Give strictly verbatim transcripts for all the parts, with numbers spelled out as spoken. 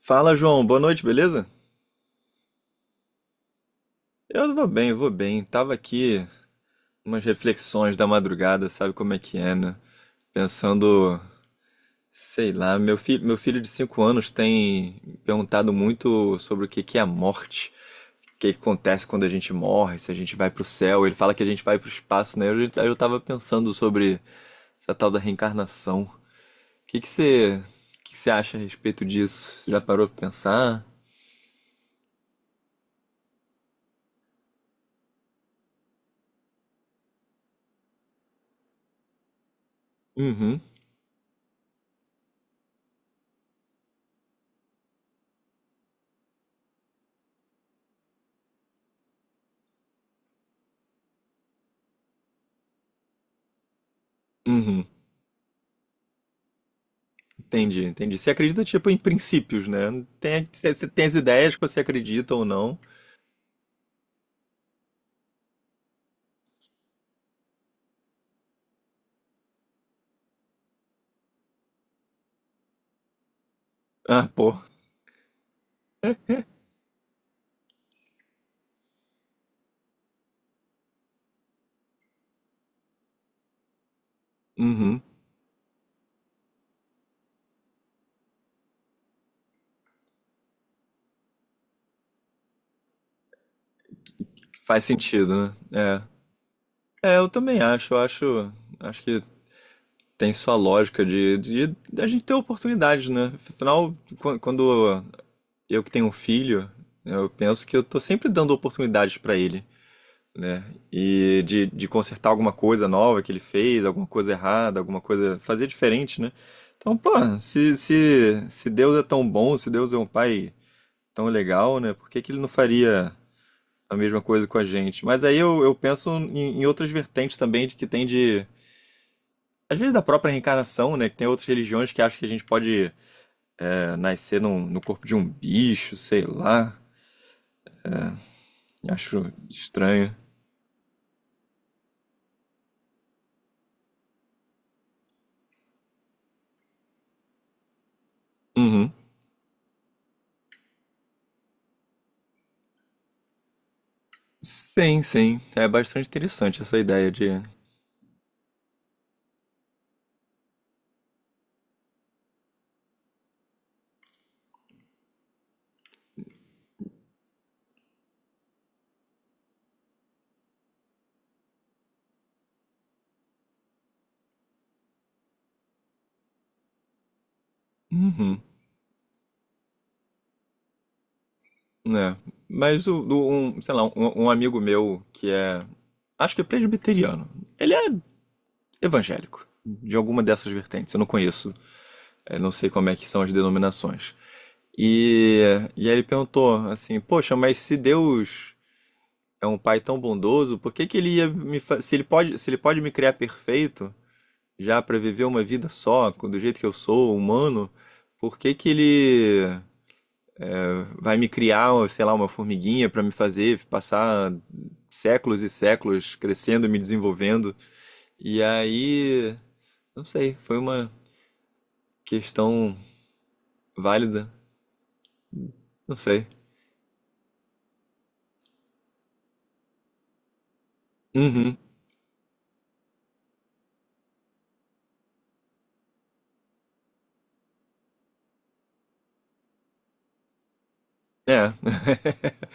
Fala, João. Boa noite, beleza? Eu vou bem, vou bem. Tava aqui umas reflexões da madrugada, sabe como é que é, né? Pensando, sei lá, meu filho, meu filho de cinco anos tem perguntado muito sobre o que que é a morte, o que que acontece quando a gente morre, se a gente vai pro céu. Ele fala que a gente vai pro espaço, né? Eu, já- eu tava pensando sobre essa tal da reencarnação. O que que você, o que que você acha a respeito disso? Você já parou pra pensar? Uhum, uhum. Entendi, entendi. Você acredita, tipo, em princípios, né? Tem, você você tem as ideias que você acredita ou não. Ah, pô. Uhum. Faz sentido, né? É. É, eu também acho. Eu acho, acho que tem sua lógica de, de, da gente ter oportunidades, né? Afinal, quan- quando eu que tenho um filho, eu penso que eu tô sempre dando oportunidades pra ele. Né? E de, de consertar alguma coisa nova que ele fez, alguma coisa errada, alguma coisa. Fazer diferente, né? Então, pô, se, se, se Deus é tão bom, se Deus é um pai tão legal, né? Por que que ele não faria a mesma coisa com a gente? Mas aí eu, eu penso em, em outras vertentes também de que tem de. Às vezes da própria reencarnação, né? Que tem outras religiões que acham que a gente pode é, nascer num- no corpo de um bicho, sei lá. Acho estranho. Uhum. Sim, sim. É bastante interessante essa ideia de. Uhum, né? Mas o, do- um, sei lá, um, um amigo meu que é, acho que é presbiteriano. Ele é evangélico, de alguma dessas vertentes, eu não conheço, eu não sei como é que são as denominações. E, e aí ele perguntou assim, poxa, mas se Deus é um pai tão bondoso, por que que ele ia me, fa- se ele pode, se ele pode me criar perfeito, já para viver uma vida só, do jeito que eu sou, humano, por que que ele vai me criar, sei lá, uma formiguinha para me fazer passar séculos e séculos crescendo, e me desenvolvendo. E aí, não sei, foi uma questão válida, não sei. Uhum. É.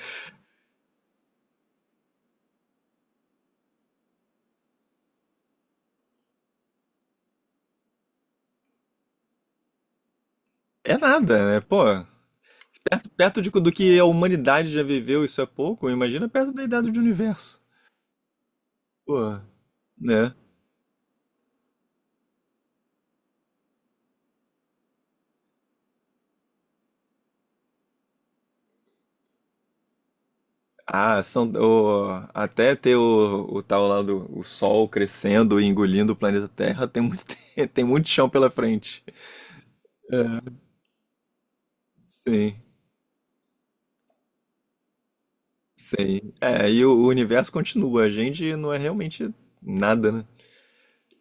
É nada, né? Pô, perto, perto de- do que a humanidade já viveu, isso é pouco. Imagina perto da idade do universo. Pô, né? Ah, são, o- até ter o, o tal lá do o Sol crescendo e engolindo o planeta Terra, tem muito, tem muito chão pela frente. Sim, sim. É, e o, o universo continua. A gente não é realmente nada, né?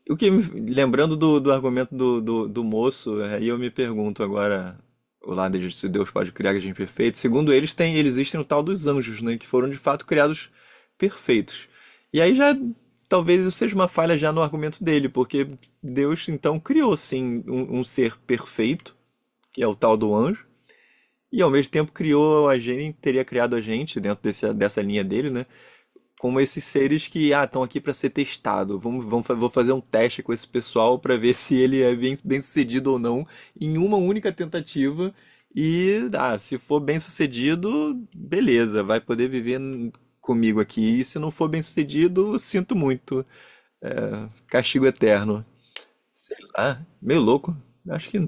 O que, me- Lembrando do, do argumento do, do, do moço, aí eu me pergunto agora, o lado de se Deus pode criar a gente perfeito, segundo eles, tem, eles existem o tal dos anjos, né, que foram de fato criados perfeitos. E aí já, talvez isso seja uma falha já no argumento dele, porque Deus então criou sim um, um ser perfeito, que é o tal do anjo, e ao mesmo tempo criou a gente, teria criado a gente, dentro desse, dessa linha dele, né, como esses seres que ah, estão aqui para ser testado. Vamos, vamos, fa- vou fazer um teste com esse pessoal para ver se ele é bem, bem sucedido ou não em uma única tentativa. E ah, se for bem sucedido, beleza, vai poder viver n- comigo aqui. E se não for bem sucedido, sinto muito. É, castigo eterno. Sei lá, meio louco. Acho que.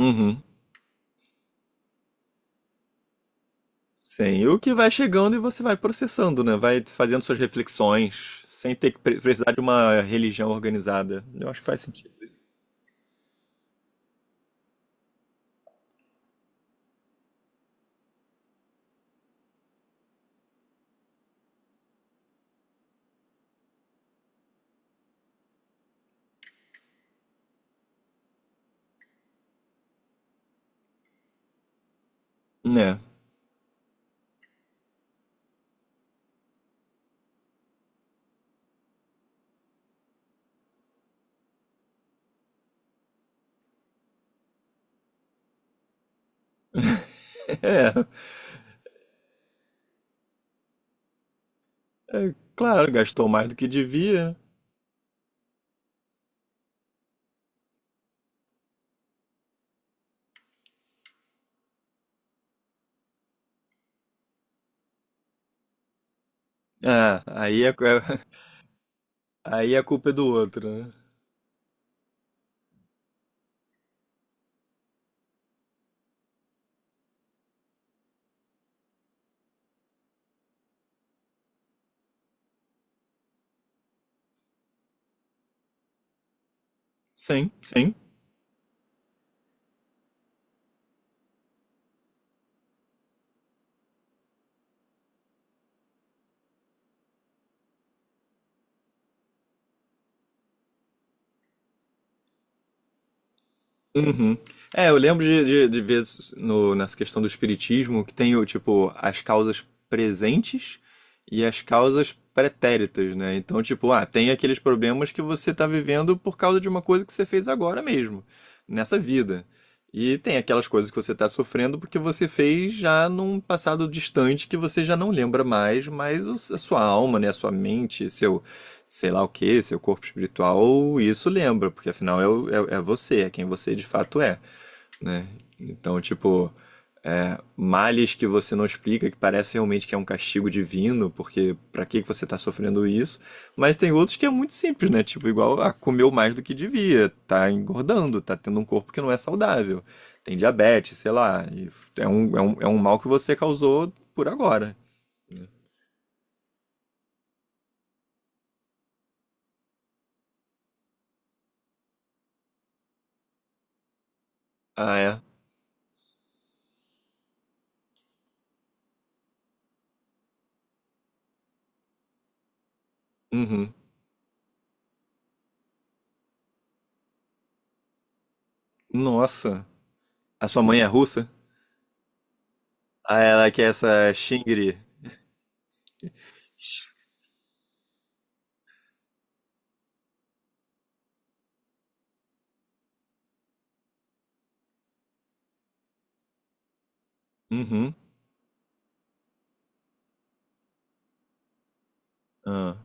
Uhum. Sim, e o que vai chegando e você vai processando, né? Vai fazendo suas reflexões, sem ter que pre- precisar de uma religião organizada. Eu acho que faz sentido. Né? É, é, claro, gastou mais do que devia. Ah, aí é, aí a culpa é do outro, né? Sim, sim. Uhum. É, eu lembro de, de, de ver no- nessa questão do espiritismo que tem o tipo as causas presentes e as causas pretéritas, né? Então, tipo, ah, tem aqueles problemas que você tá vivendo por causa de uma coisa que você fez agora mesmo, nessa vida. E tem aquelas coisas que você tá sofrendo porque você fez já num passado distante que você já não lembra mais, mas o- a sua alma, né, a sua mente, seu sei lá o que, seu corpo espiritual, isso lembra, porque afinal é, o- é, é você, é quem você de fato é, né? Então, tipo, é, males que você não explica, que parece realmente que é um castigo divino, porque pra que que você tá sofrendo isso? Mas tem outros que é muito simples, né? Tipo, igual ah, comeu mais do que devia, tá engordando, tá tendo um corpo que não é saudável, tem diabetes, sei lá, e é um, é um, é um mal que você causou por agora. Ah, é? Uhum. Nossa. A sua mãe é russa? Ah, ela que é essa Xingri. Uhum. Ah.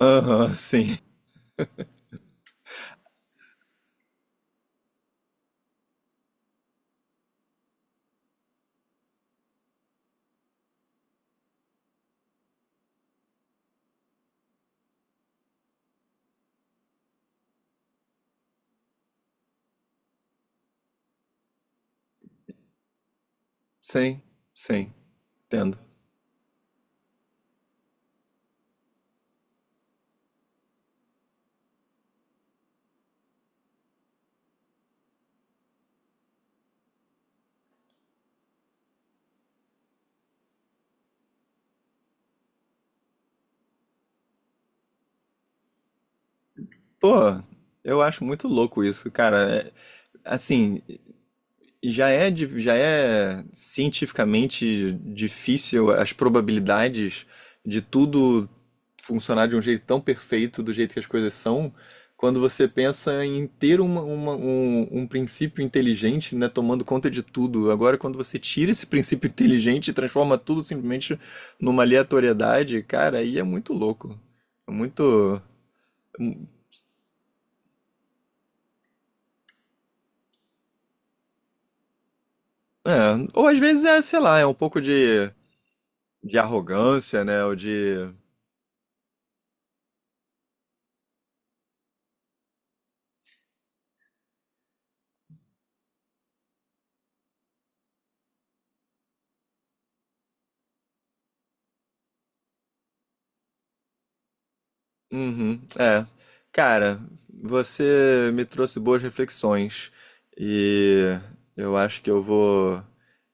Aham, sim. Sim, sim. Entendo. Pô, eu acho muito louco isso, cara. É, assim, já é, di- já é cientificamente difícil as probabilidades de tudo funcionar de um jeito tão perfeito, do jeito que as coisas são, quando você pensa em ter uma- uma- um, um princípio inteligente, né, tomando conta de tudo. Agora, quando você tira esse princípio inteligente e transforma tudo simplesmente numa aleatoriedade, cara, aí é muito louco. É muito. É, ou às vezes é, sei lá, é um pouco de, de arrogância, né? Ou de Uhum, é. Cara, você me trouxe boas reflexões e eu acho que eu vou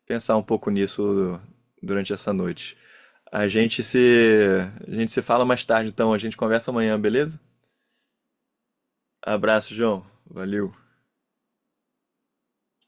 pensar um pouco nisso durante essa noite. A gente se, a gente se fala mais tarde, então a gente conversa amanhã, beleza? Abraço, João. Valeu.